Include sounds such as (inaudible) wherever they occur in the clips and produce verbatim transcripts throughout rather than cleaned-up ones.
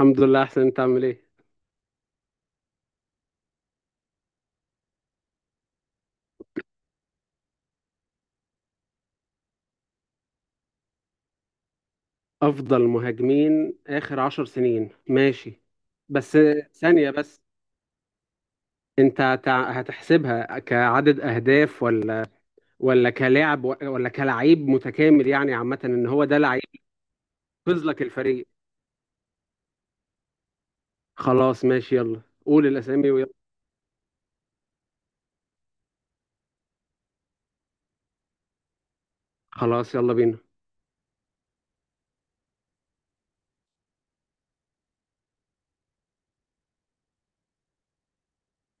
الحمد لله احسن. انت عامل ايه؟ افضل مهاجمين اخر عشر سنين، ماشي. بس ثانية بس. انت هت- هتحسبها كعدد اهداف ولا ولا كلاعب ولا كلعيب متكامل؟ يعني عامة ان هو ده لعيب ينقذ لك الفريق. خلاص ماشي، يلا قول الاسامي ويلا. خلاص يلا بينا.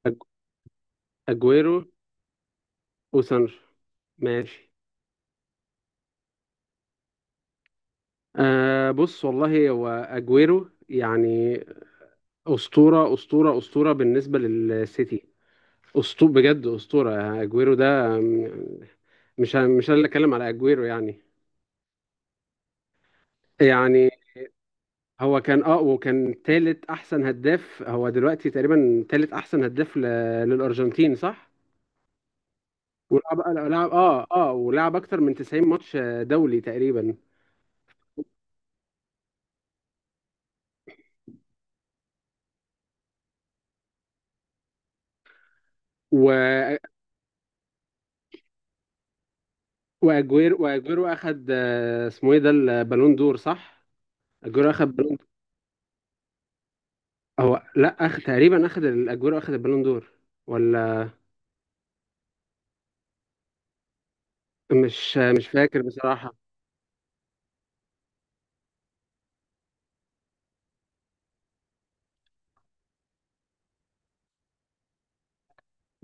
أج- اجويرو وسانشو. ماشي. آه بص والله هو اجويرو يعني اسطورة اسطورة اسطورة بالنسبة للسيتي. اسطوره، بجد اسطوره يعني. اجويرو ده م- مش ه- مش انا اللي اتكلم على اجويرو يعني. يعني هو كان اه وكان تالت احسن هداف، هو دلوقتي تقريبا تالت احسن هداف ل- للارجنتين، صح؟ ولعب لعب اه اه ولعب اكتر من تسعين ماتش، آه، دولي تقريبا. و... واجويرو واجويرو اخد، آه، اسمه ايه ده، البالون دور، صح؟ اجويرو اخد بالون. هو لا، اخد تقريبا، اخد الاجويرو اخد البالون دور ولا؟ مش مش فاكر بصراحة.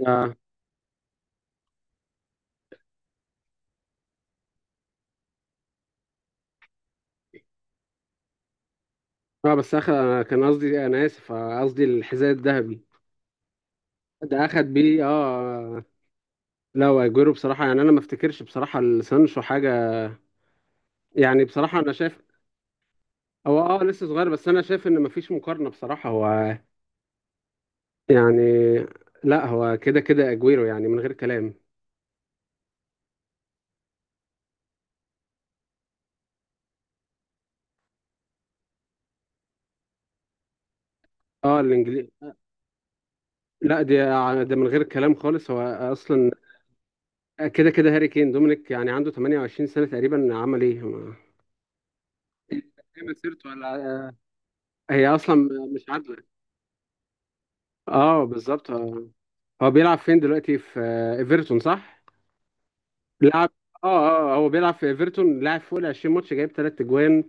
اه اه بس اخد، انا كان قصدي، انا اسف، آه، قصدي الحذاء الذهبي. ده اخد بيه اه لا، واجويرو بصراحه يعني انا ما افتكرش بصراحه لسانشو حاجه. يعني بصراحه انا شايف، هو اه لسه صغير، بس انا شايف ان مفيش مقارنه بصراحه، هو يعني، لا هو كده كده اجويرو، يعني من غير كلام. اه الانجليزي. لا، دي، ده من غير كلام خالص، هو اصلا كده كده هاري كين، دومينيك يعني عنده ثمانية وعشرين سنه تقريبا، عمل ايه ما- ايه مسيرته ولا؟ هي اصلا مش عادله. اه بالظبط آه. هو بيلعب فين دلوقتي، في آه، ايفرتون، صح؟ لعب اه اه هو بيلعب في ايفرتون، لعب فوق ال عشرين ماتش جايب ثلاث اجوان.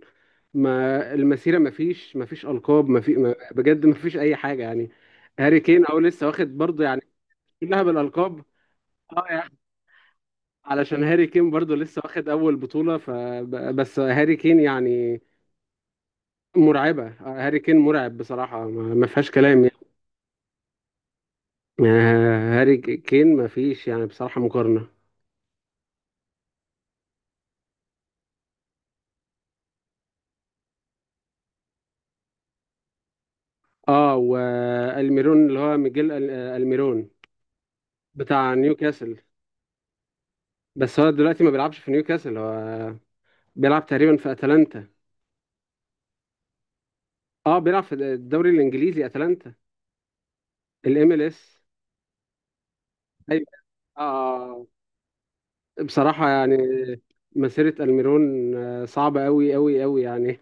ما المسيره، ما فيش ما فيش القاب، ما في، ما، بجد ما فيش اي حاجه يعني، هاري كين او لسه واخد برضه يعني. كلها بالالقاب. اه يعني علشان هاري كين برضه لسه واخد اول بطوله، فبس هاري كين يعني، مرعبه. آه، هاري كين مرعب بصراحه، ما ما فيهاش كلام يعني. آه، هاري كين، ما فيش يعني بصراحه مقارنه. اه والميرون اللي هو ميجيل ال- آه، الميرون بتاع نيوكاسل. بس هو دلوقتي ما بيلعبش في نيوكاسل، هو بيلعب تقريبا في اتلانتا. اه بيلعب في الدوري الانجليزي، اتلانتا، الام ال اس. ايوه. اه. آه، بصراحة يعني مسيرة الميرون، آه، صعبة قوي قوي قوي يعني،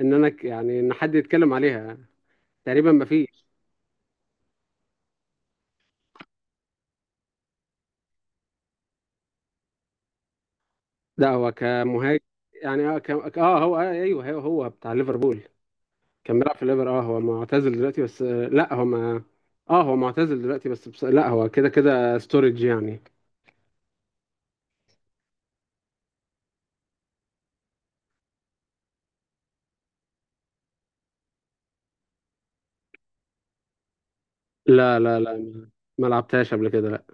ان انا ك- يعني ان حد يتكلم عليها تقريبا، ما فيش. ده هو كمهاجم يعني، اه, ك... اه هو آه ايوه، هو، هو بتاع ليفربول، كان بيلعب في الليفر. اه هو معتزل دلوقتي، بس آه لا، هو ما، اه هو معتزل دلوقتي، بس بس لا، هو كده كده ستورج يعني. لا، لا، لا، ما ما لعبتهاش قبل كده، لا.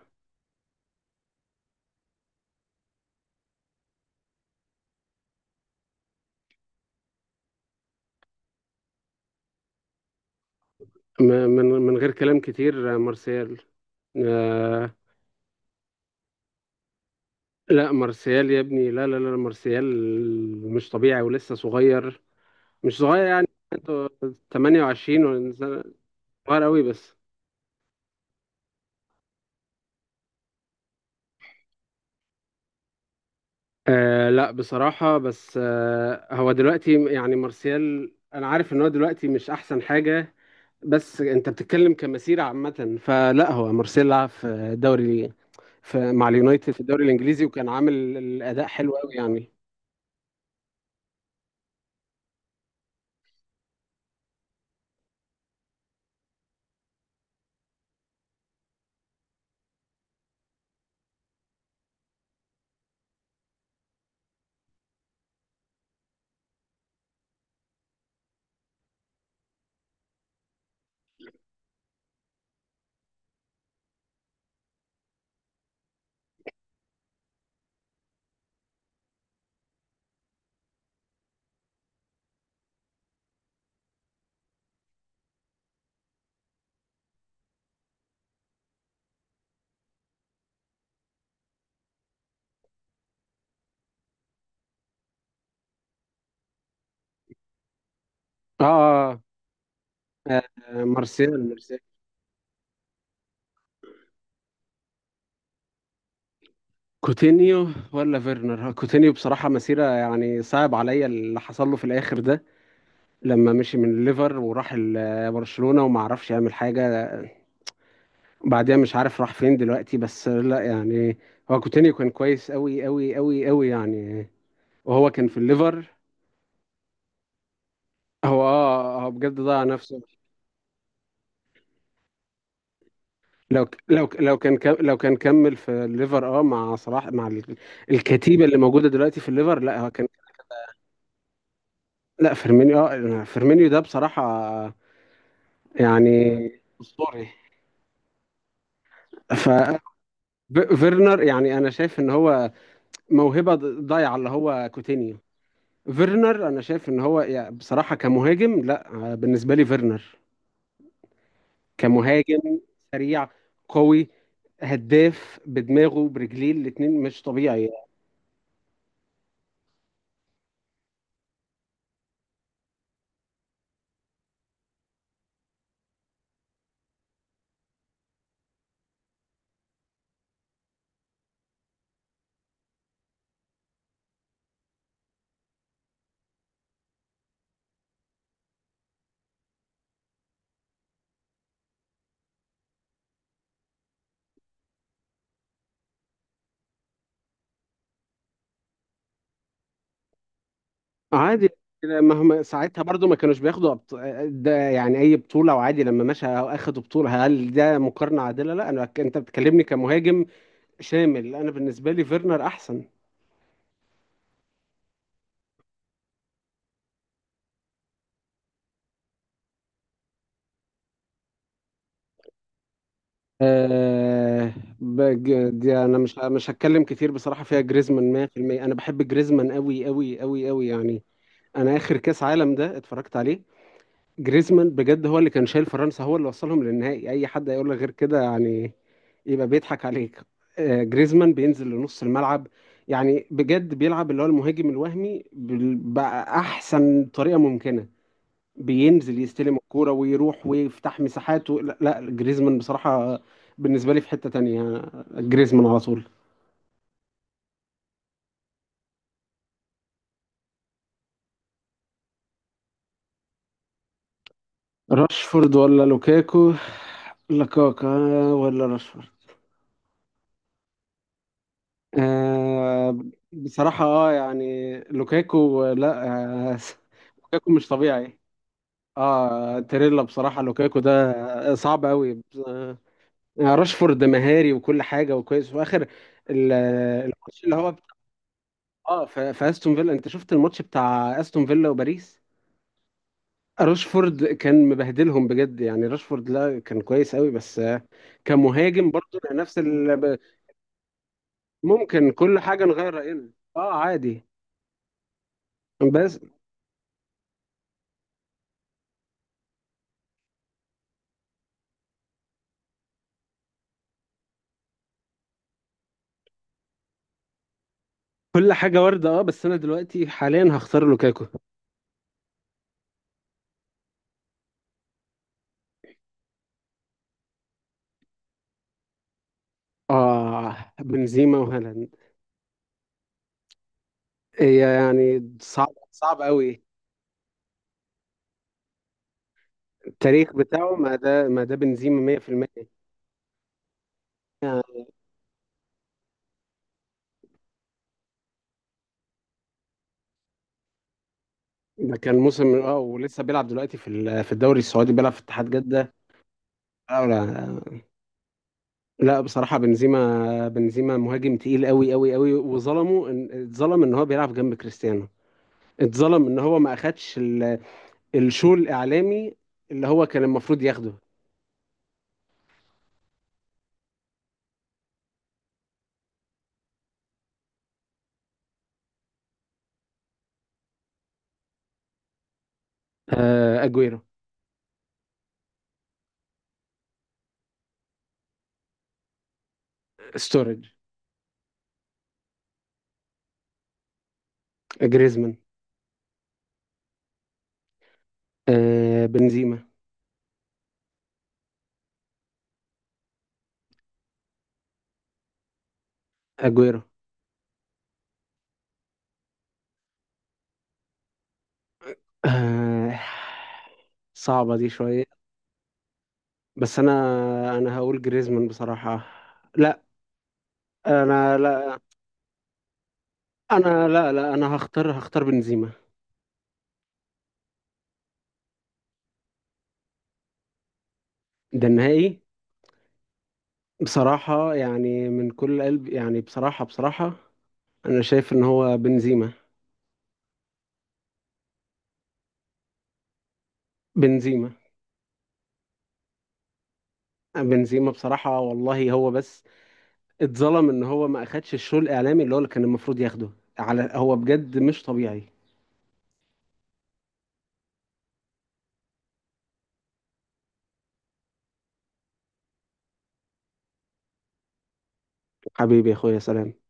م- من من غير كلام كتير، آه، مارسيال. آه لا، مارسيال يا ابني، لا، لا، لا، مارسيال مش طبيعي ولسه صغير، مش صغير يعني، عنده تمانية وعشرين سنة، صغير قوي بس. آه لا بصراحة، بس آه هو دلوقتي يعني مارسيال، أنا عارف إن هو دلوقتي مش أحسن حاجة، بس انت بتتكلم كمسيره عامه، فلا، هو مارسيل لعب في دوري، في مع اليونايتد في الدوري الانجليزي، وكان عامل الاداء حلو قوي يعني. اه اه آه، مارسيال مارسيال. كوتينيو ولا فيرنر؟ كوتينيو. بصراحه مسيره يعني صعب عليا اللي حصل له في الاخر ده، لما مشي من الليفر وراح ال- برشلونه وما عرفش يعمل حاجه، بعدها مش عارف راح فين دلوقتي، بس لا يعني، هو كوتينيو كان كويس قوي قوي قوي قوي يعني، وهو كان في الليفر. هو اه هو بجد ضيع نفسه. لو ك- لو ك- لو كان كم- لو كان كمل في الليفر، اه مع صلاح، مع ال- الكتيبه اللي موجوده دلوقتي في الليفر، لا هو كان، لا فيرمينيو، اه فيرمينيو ده بصراحه يعني اسطوري. ف ف- فيرنر يعني انا شايف ان هو موهبه ض- ضايعه اللي هو كوتينيو. فيرنر انا شايف ان هو يعني بصراحه كمهاجم، لا، آه، بالنسبه لي فيرنر كمهاجم سريع، قوي، هداف بدماغه برجليه الاتنين، مش طبيعي. عادي مهما ساعتها برضو ما كانوش بياخدوا أبط... ده يعني اي بطوله، وعادي لما مشى اخدوا بطوله. هل ده مقارنه عادله؟ لا، انا ك- انت بتكلمني كمهاجم شامل، انا بالنسبه لي فيرنر احسن. أه... بج... دي انا مش مش هتكلم كتير، بصراحه فيها جريزمان مئة بالمئة. انا بحب جريزمان قوي قوي قوي قوي يعني، انا اخر كاس عالم ده اتفرجت عليه، جريزمان بجد هو اللي كان شايل فرنسا، هو اللي وصلهم للنهائي. اي حد هيقول لك غير كده يعني يبقى بيضحك عليك. آه، جريزمان بينزل لنص الملعب، يعني بجد بيلعب اللي هو المهاجم الوهمي بال- بأحسن طريقة ممكنة، بينزل يستلم الكورة ويروح ويفتح مساحات و... لا، لا، جريزمان بصراحة بالنسبة لي في حتة تانية. جريزمان على طول. راشفورد ولا لوكاكو؟ لوكاكا ولا راشفورد؟ آه بصراحة، اه يعني لوكاكو، لا، آه (laughs) لوكاكو مش طبيعي. اه تيريلا، بصراحة لوكاكو ده صعب قوي. آه راشفورد مهاري وكل حاجة وكويس، وفي آخر ال- الماتش اللي هو بتاع، اه في في استون فيلا، انت شفت الماتش بتاع استون فيلا وباريس؟ راشفورد كان مبهدلهم بجد يعني. راشفورد لا كان كويس قوي، بس آه كمهاجم برضه نفس ال... ممكن كل حاجة نغير رأينا، اه عادي. بس كل حاجة وردة، اه بس أنا دلوقتي حاليا هختار لوكاكو. اه بنزيما وهالاند، هي يعني صعب، صعب قوي. التاريخ بتاعه ما ده ما ده بنزيما مية في المية. ده كان موسم، اه ولسه بيلعب دلوقتي في ال- في الدوري السعودي، بيلعب في اتحاد جدة. لا لا، لا، بصراحة بنزيما، بنزيما مهاجم تقيل قوي قوي قوي، وظلمه، إن- اتظلم ان هو بيلعب جنب كريستيانو، اتظلم ان هو ما اخدش ال- الشو الاعلامي اللي هو كان المفروض ياخده. آه، اجويرو. ستورج. جريزمان. آه بنزيما. اجويرو. آه صعبة دي شوية. بس انا انا هقول جريزمان بصراحة. لا، انا لا، انا لا، لا، انا هختار هختار بنزيما. ده النهائي. بصراحة يعني من كل قلب يعني، بصراحة بصراحة انا شايف ان هو بنزيما. بنزيما. بنزيما بصراحة والله، هو بس اتظلم ان هو ما اخدش الشو الاعلامي اللي هو اللي كان المفروض ياخده. على، هو بجد مش طبيعي. حبيبي يا اخويا، سلام.